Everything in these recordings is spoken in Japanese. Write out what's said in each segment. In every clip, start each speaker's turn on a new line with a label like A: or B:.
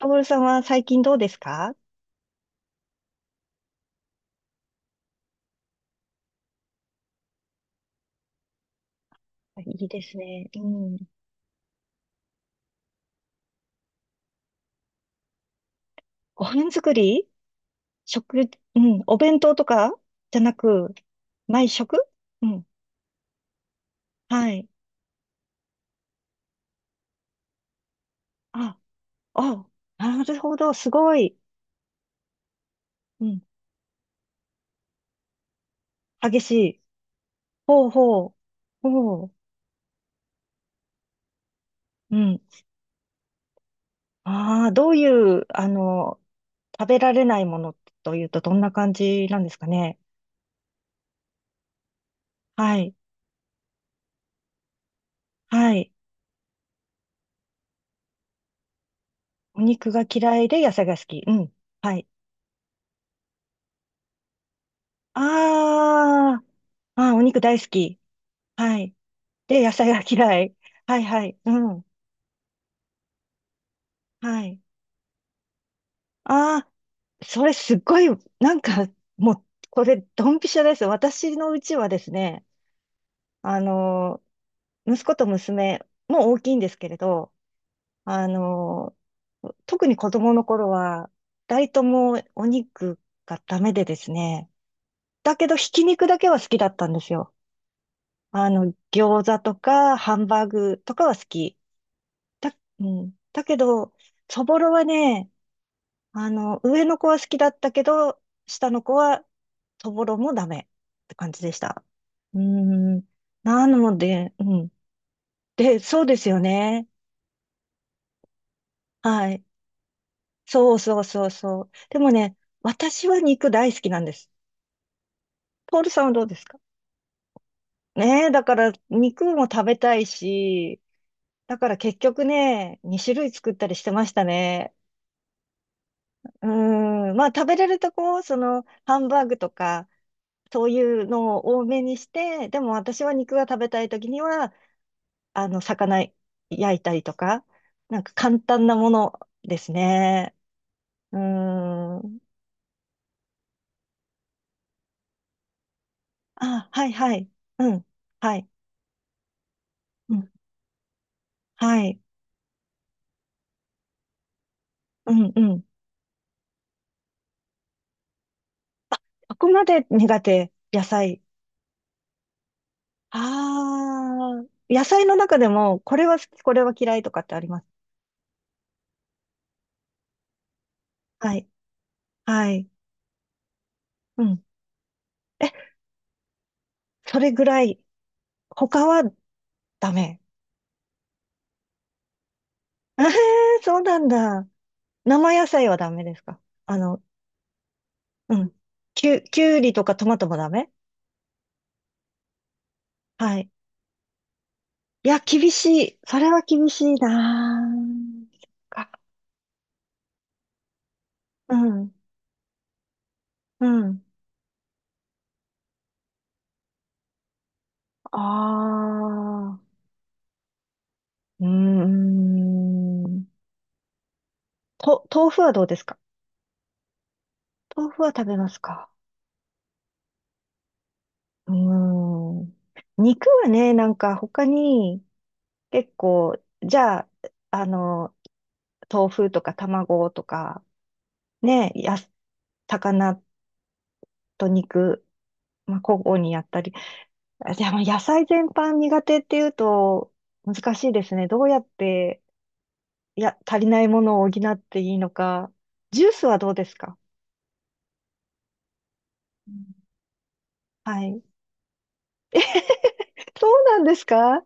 A: トールさんは最近どうですか？いいですね。うん。ご飯作り？食、うん。お弁当とかじゃなく、毎食？うん。はい。あ、あ、なるほど。すごい。うん。激しい。ほうほう。ほう。うん。ああ、どういう、食べられないものというとどんな感じなんですかね。はい。はい。お肉が嫌いで野菜が好き。うん。はい。ああ、お肉大好き。はい。で、野菜が嫌い。はいはい。うん。はい。ああ、それすっごい、なんか、もう、これ、ドンピシャです。私のうちはですね、あの、息子と娘、もう大きいんですけれど、あの、特に子供の頃は、二人ともお肉がダメでですね、だけど、ひき肉だけは好きだったんですよ。餃子とか、ハンバーグとかは好き。うん。だけど、そぼろはね、上の子は好きだったけど、下の子は、そぼろもダメって感じでした。うーん。なので、うん。で、そうですよね。はい。そうそうそうそう。でもね、私は肉大好きなんです。ポールさんはどうですか？ねえ、だから肉も食べたいし、だから結局ね、2種類作ったりしてましたね。うーん。まあ食べれるとこ、その、ハンバーグとか、そういうのを多めにして、でも私は肉が食べたい時には、魚焼いたりとか、なんか簡単なものですね。うーん。あ、はいはい。うん。はい。うん。はい。うん、うん。そこまで苦手、野菜？ああ、野菜の中でも、これは好き、これは嫌いとかってあります？はい。はい。うん。え、それぐらい。他はダメ。えー、そうなんだ。生野菜はダメですか？あの、うん。きゅうりとかトマトもダメ？はい。いや、厳しい。それは厳しいなぁ。そっか。うん。うん。ああ。うーん。と、豆腐はどうですか？豆腐は食べますか？うーん。肉はね、なんか他に結構、じゃあ、あの、豆腐とか卵とか、ね、魚と肉まあ、交互にやったり。あでも野菜全般苦手っていうと難しいですね。どうやって、いや、足りないものを補っていいのか。ジュースはどうですか？うん。はい。そうなんですか？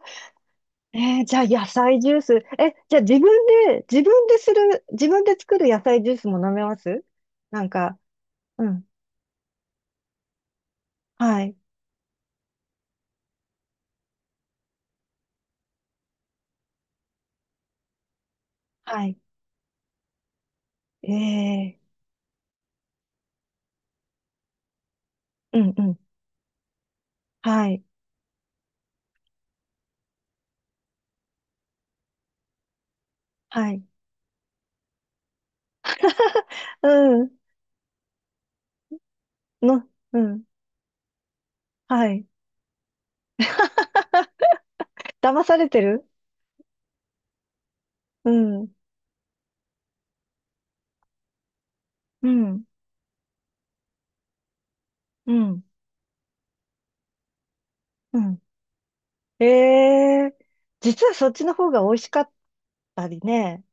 A: えーじゃあ野菜ジュース。え、じゃあ自分で、自分でする、自分で作る野菜ジュースも飲めます？なんか、うん。はい。はい。ええーうんうん。はい。はい。うん。の、うん。はい。騙されてる？うん、うん、うん。うん。ええ。実はそっちの方が美味しかったりね。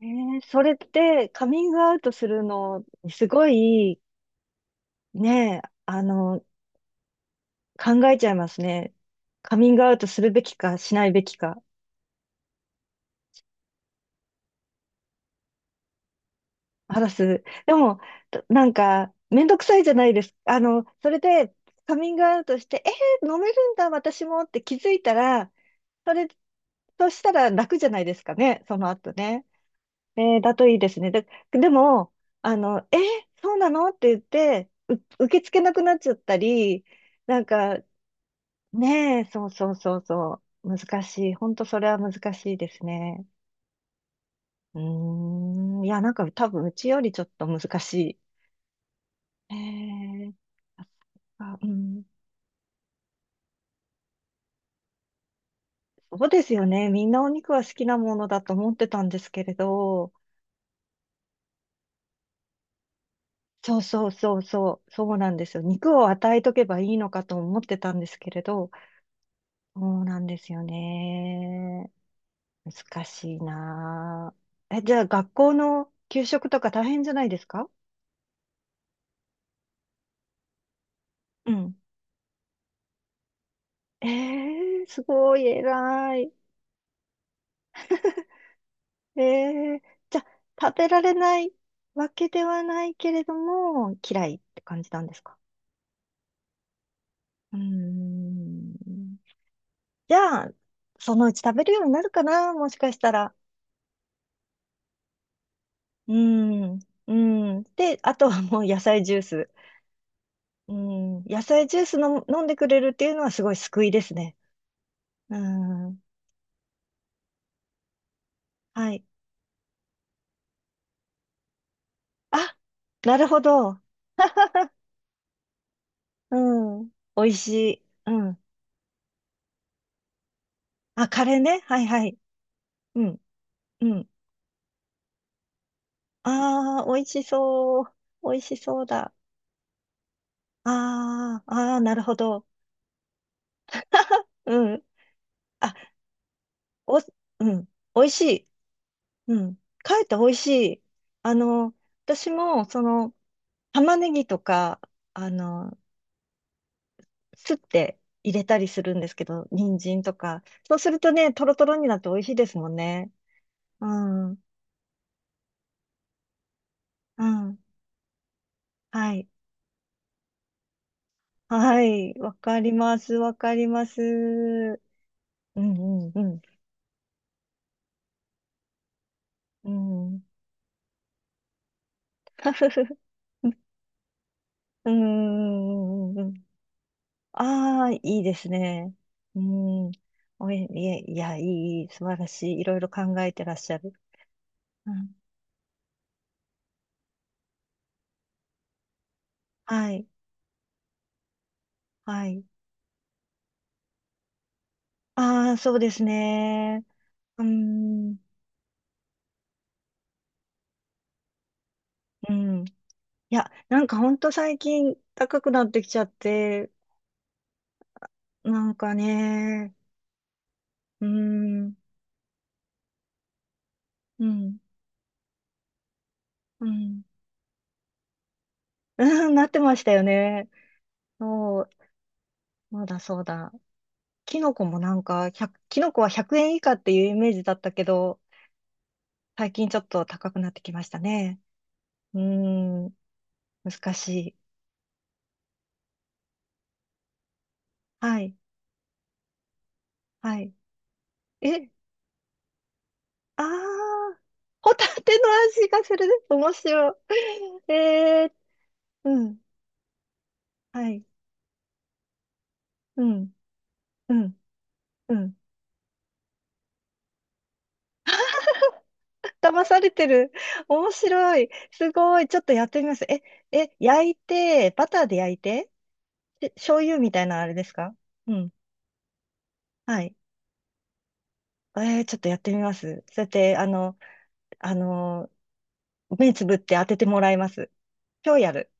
A: ええ、それってカミングアウトするの、すごい、ね、考えちゃいますね。カミングアウトするべきか、しないべきか、話す。でも、となんか、めんどくさいじゃないですか。それで、カミングアウトして、ええ飲めるんだ、私もって気づいたら、それ、そうしたら楽じゃないですかね、その後ね。えー、だといいですね。で、でも、あの、えーそうなのって言って、受け付けなくなっちゃったり、なんか、ねえ、そうそうそうそう、難しい。本当それは難しいですね。うーん、いや、なんか多分うちよりちょっと難しい。えー、あ、うん、そうですよね。みんなお肉は好きなものだと思ってたんですけれど、そうそうそうそう、そうなんですよ。肉を与えとけばいいのかと思ってたんですけれど、そうなんですよね。難しいなあ。え、じゃあ学校の給食とか大変じゃないですか？うん。えー、すごい偉い。えー、じゃあ食べられないわけではないけれども、嫌いって感じなんですか？うーん。じゃあ、そのうち食べるようになるかなもしかしたら。うーん。うーん。で、あとはもう野菜ジュース。うん、野菜ジュースの飲んでくれるっていうのはすごい救いですね。うん、はい。あ、なるほど。うん、美味しい。うん。あ、カレーね。はいはい。うん、うん。ああ、美味しそう。美味しそうだ。ああ、ああ、なるほど。うん。あ、お、うん。美味しい。うん。かえって美味しい。あの、私も、その、玉ねぎとか、あの、すって入れたりするんですけど、人参とか。そうするとね、トロトロになって美味しいですもんね。うん。うん。はい。はい。わかります。わかります。うんうんうん。うん。うんうんうんうん。ああ、いいですね。うん。いや、いや、いい、いい素晴らしい。いろいろ考えてらっしゃる。うん。はい。はい。ああ、そうですね。うん。うん。いや、なんかほんと最近高くなってきちゃって、なんかね、うーん、うん、うん、うん、なってましたよね。そう、そうだそうだ。キノコもなんか、1キノコは100円以下っていうイメージだったけど、最近ちょっと高くなってきましたね。うーん、難しい。はい、はい。え、あー、ホタテの味がするね。面白い。えー、うん、はい、うん、うん。うん、騙されてる。面白い。すごい。ちょっとやってみます。え、焼いて、バターで焼いて、で醤油みたいなあれですか？うん。はい。えー、ちょっとやってみます。そうやって、あの、目つぶって当ててもらいます。今日やる。